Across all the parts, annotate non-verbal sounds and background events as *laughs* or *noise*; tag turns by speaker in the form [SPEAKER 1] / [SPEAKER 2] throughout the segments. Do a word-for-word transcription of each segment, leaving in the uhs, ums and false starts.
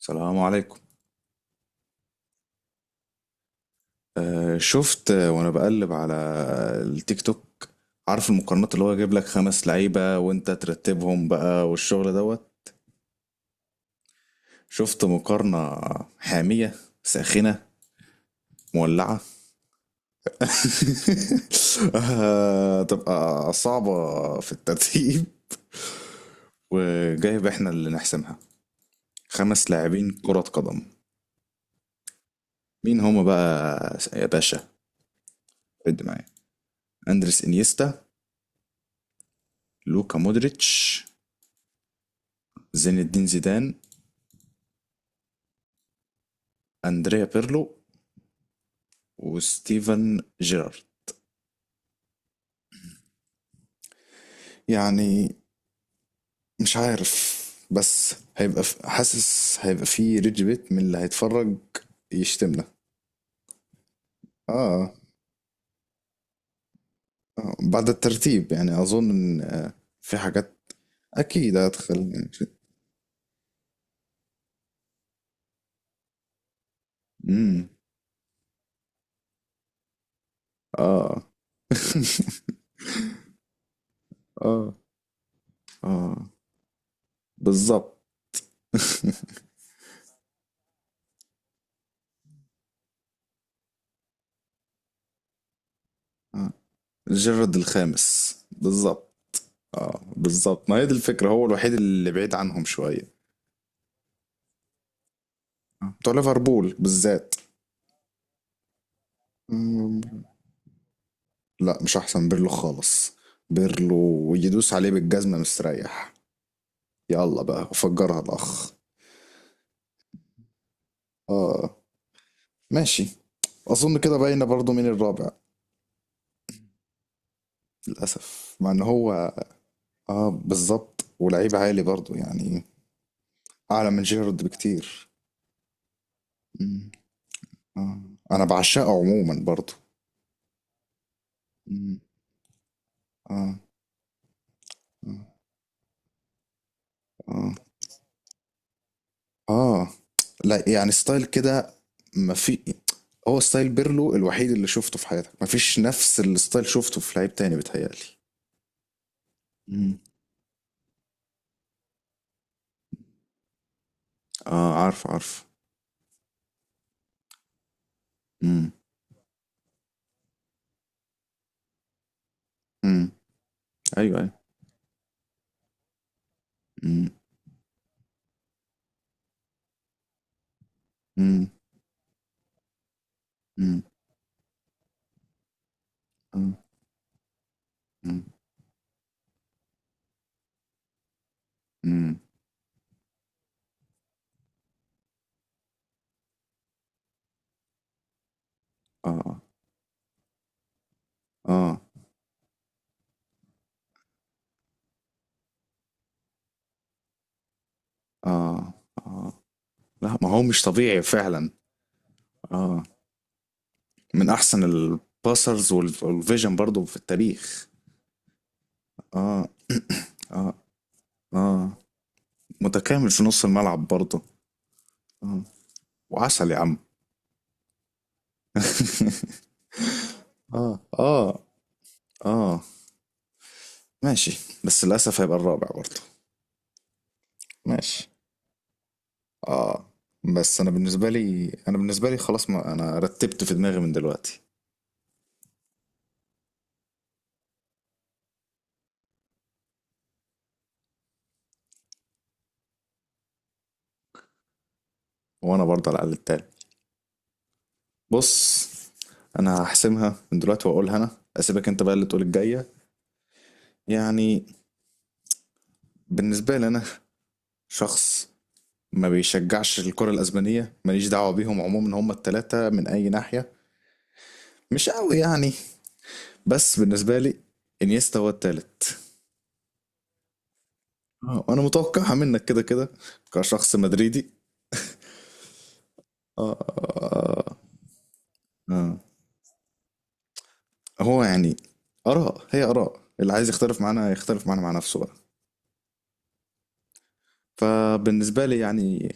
[SPEAKER 1] السلام عليكم. آه، شفت، آه، وانا بقلب على التيك توك. عارف المقارنات اللي هو يجيب لك خمس لعيبة وانت ترتبهم بقى والشغل دوت. شفت مقارنة حامية ساخنة مولعة. *laughs* آه، تبقى صعبة في الترتيب، وجايب احنا اللي نحسمها، خمس لاعبين كرة قدم. مين هما بقى يا باشا؟ عد معايا: اندريس انيستا، لوكا مودريتش، زين الدين زيدان، أندريا بيرلو، وستيفن جيرارد. يعني مش عارف، بس هيبقى ف... حاسس هيبقى في ريدج بيت من اللي هيتفرج يشتمنا. آه. اه، بعد الترتيب يعني اظن ان آه، في حاجات اكيد هتخلي يعني. امم اه. *laughs* اه، اه، بالظبط. *laughs* آه. جيرارد الخامس بالظبط. اه بالظبط، ما هي دي الفكرة، هو الوحيد اللي بعيد عنهم شوية. آه. بتوع ليفربول بالذات. مم، لا مش احسن بيرلو خالص. بيرلو يدوس عليه بالجزمة مستريح. يلا بقى وفجرها الاخ. اه، ماشي، اظن كده باينه برضو مين الرابع. للاسف، مع ان هو اه بالظبط، ولعيب عالي برضو، يعني اعلى من جيرارد بكتير. مم، آه. انا بعشقه عموما برضو. مم، اه، اه، آه، اه، لا يعني ستايل كده ما في. هو ستايل بيرلو الوحيد اللي شفته في حياتك، ما فيش نفس الستايل شفته في لعيب تاني بيتهيألي. مم. اه، عارف عارف. امم امم ايوه ايوه. امم امم امم امم امم اه اه اه اه. لا، ما هو مش طبيعي فعلا. اه، من احسن الباسرز والفيجن برضو في التاريخ. اه *clears throat* اه اه، متكامل في نص الملعب برضو. اه وعسل يا عم. *laughs* اه اه اه ماشي. بس للاسف هيبقى الرابع برضه. ماشي، اه، بس انا بالنسبه لي، انا بالنسبه لي خلاص، ما انا رتبت في دماغي من دلوقتي. وانا برضه على الاقل التالت. بص، انا هحسمها من دلوقتي واقولها انا، اسيبك انت بقى اللي تقول الجايه. يعني بالنسبه لي، انا شخص ما بيشجعش الكره الاسبانيه، ماليش دعوه بيهم عموما، هم التلاته من اي ناحيه مش قوي يعني. بس بالنسبه لي، انيستا هو التالت. آه، انا متوقعها منك كده كده، كشخص مدريدي. آه آه. آه آه، هو يعني، آراء هي آراء، اللي عايز يختلف معانا يختلف معانا مع نفسه بقى. فبالنسبة لي يعني،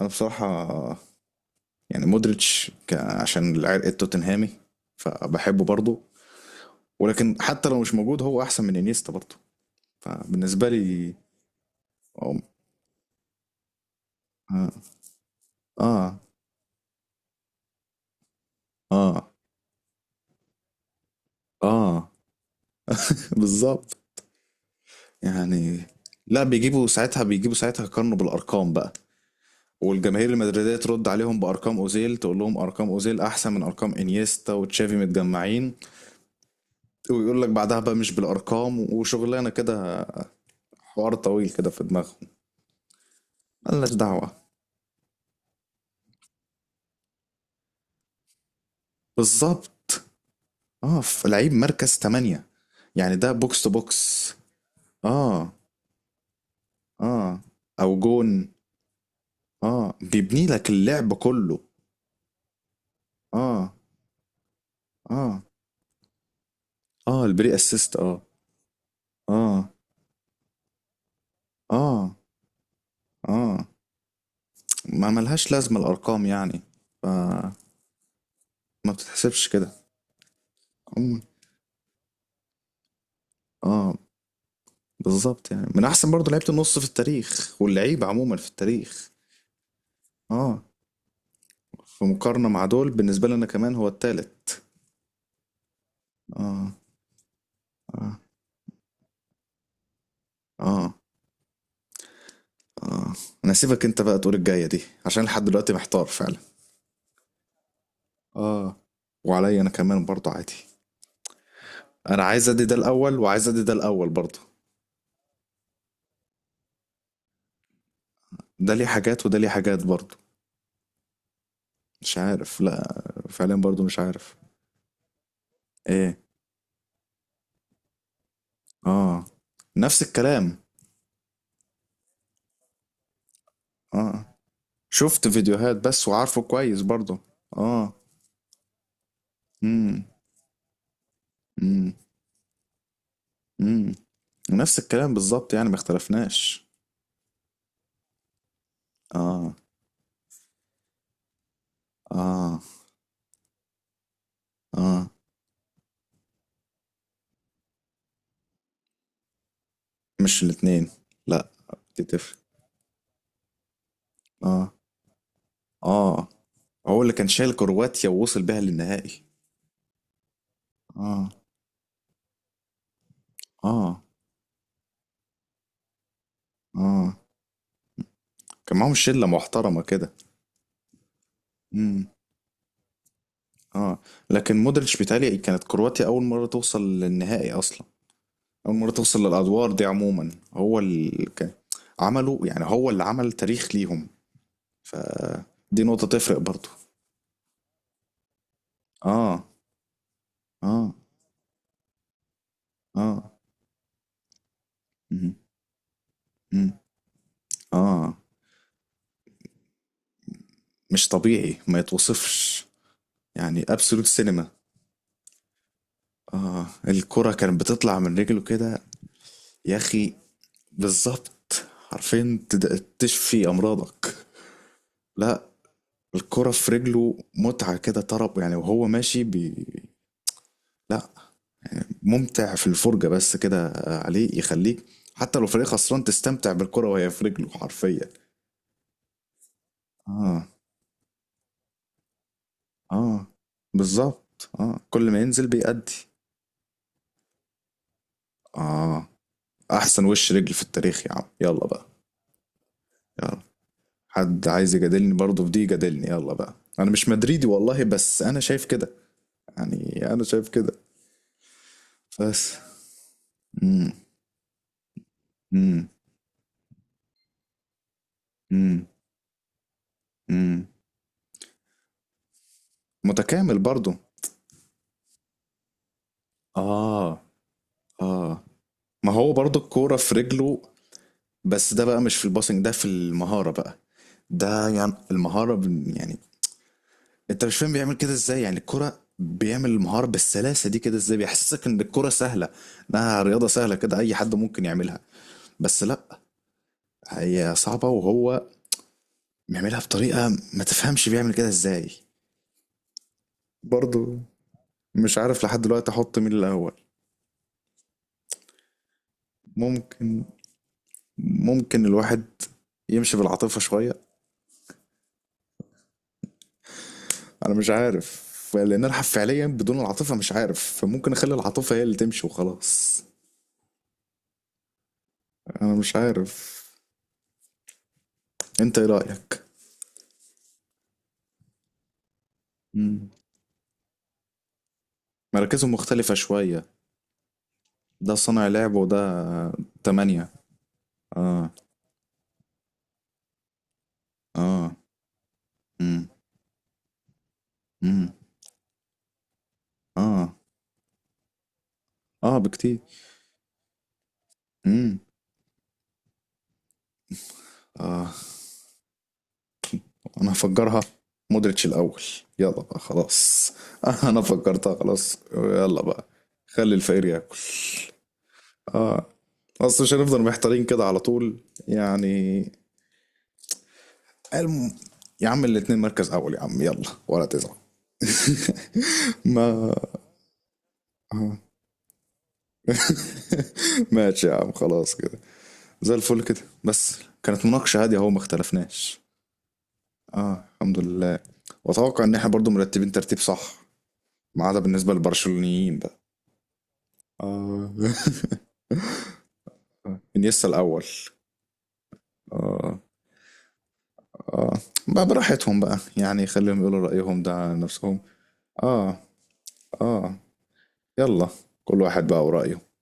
[SPEAKER 1] أنا بصراحة يعني مودريتش ك- عشان العرق التوتنهامي فبحبه برضه. ولكن حتى لو مش موجود، هو أحسن من إنيستا برضه. فبالنسبة لي، آه آه آه, آه. *laughs* بالظبط. يعني لا، بيجيبوا ساعتها بيجيبوا ساعتها يقارنوا بالأرقام بقى، والجماهير المدريدية ترد عليهم بأرقام أوزيل، تقول لهم أرقام أوزيل أحسن من أرقام إنيستا وتشافي متجمعين. ويقول لك بعدها بقى مش بالأرقام وشغلانة كده، حوار طويل كده في دماغهم، ملناش دعوة. بالظبط. اه، في لعيب مركز تمانية يعني، ده بوكس تو بوكس. اه اه، أو جون. اه، بيبني لك اللعب كله. اه اه، اه البري اسيست. اه اه اه اه، ما ملهاش لازمة الأرقام يعني، ف- ما بتتحسبش كده. عموما اه، بالظبط، يعني من احسن برضه لعيبه النص في التاريخ واللعيبه عموما في التاريخ. اه، في مقارنه مع دول بالنسبه لنا كمان هو التالت. اه اه اه اه. انا هسيبك انت بقى تقول الجايه دي، عشان لحد دلوقتي محتار فعلا. اه وعليا انا كمان برضه عادي. انا عايز ادي ده الاول وعايز ادي ده الاول برضه، ده ليه حاجات وده ليه حاجات برضه. مش عارف، لا. فعليا برضه مش عارف. ايه؟ اه، نفس الكلام. اه، شفت فيديوهات بس وعارفه كويس برضه. اه. امم امم امم نفس الكلام بالظبط، يعني ما اختلفناش. اه اه اه، مش الاتنين لا. دي تفرق. اه اه، هو اللي كان شايل كرواتيا ووصل بيها للنهائي. اه اه اه، كان معاهم شلة محترمة كده. امم اه. لكن مودريتش بيتهيألي كانت كرواتيا أول مرة توصل للنهائي أصلا، أول مرة توصل للأدوار دي عموما، هو اللي عمله يعني، هو اللي عمل تاريخ ليهم. دي نقطة تفرق برضو. آه آه آه. مم. مم. آه، مش طبيعي ما يتوصفش. يعني أبسولوت سينما. آه، الكرة كانت بتطلع من رجله كده يا أخي. بالظبط. عارفين، تشفي أمراضك. لا، الكرة في رجله متعة كده، طرب يعني، وهو ماشي بي... لا، ممتع في الفرجة بس كده. آه، عليه يخليك حتى لو فريق خسران تستمتع بالكرة وهي في رجله حرفيا. اه اه بالظبط، اه كل ما ينزل بيأدي. اه، احسن وش رجل في التاريخ يا عم يلا بقى. يلا، حد عايز يجادلني برضه في دي يجادلني يلا بقى. انا مش مدريدي والله، بس انا شايف كده، يعني انا شايف كده. بس. امم امم امم امم متكامل برضه. اه اه، ما هو برضه الكورة في رجله. بس ده بقى مش في الباسنج، ده في المهارة بقى، ده يعني المهارة بن- يعني انت مش فاهم بيعمل كده ازاي، يعني الكرة، بيعمل المهارة بالسلاسة دي كده ازاي، بيحسسك ان الكرة سهلة، انها رياضة سهلة كده اي حد ممكن يعملها. بس لا، هي صعبة وهو بيعملها بطريقة ما تفهمش بيعمل كده ازاي. برضو مش عارف لحد دلوقتي احط مين الاول. ممكن، ممكن الواحد يمشي بالعاطفة شوية. انا مش عارف، لان انا فعليا بدون العاطفه مش عارف، فممكن اخلي العاطفه هي اللي تمشي وخلاص. انا مش عارف. انت ايه رايك؟ مم. مراكزهم مختلفه شويه. ده صانع لعب وده تمانية. اه اه. مم. مم. اه اه بكتير. مم. اه، انا هفجرها، مودريتش الاول، يلا بقى خلاص. *laughs* انا فجرتها خلاص، يلا بقى. خلي الفقير ياكل. اه، اصل مش هنفضل محتارين كده على طول يعني. الم... يا عم الاتنين مركز اول يا عم، يلا ولا تزعل. *laughs* ما آه. *laughs* ماشي يا عم خلاص كده. زي الفل كده، بس كانت مناقشة هادية اهو، ما اختلفناش. اه الحمد لله. واتوقع ان احنا برضو مرتبين ترتيب صح، ما عدا بالنسبة للبرشلونيين بقى. اه. *laughs* انيستا الاول. اه اه، بقى براحتهم بقى يعني، خليهم يقولوا رأيهم ده عن نفسهم. اه اه يلا، كل واحد بقى ورأيه.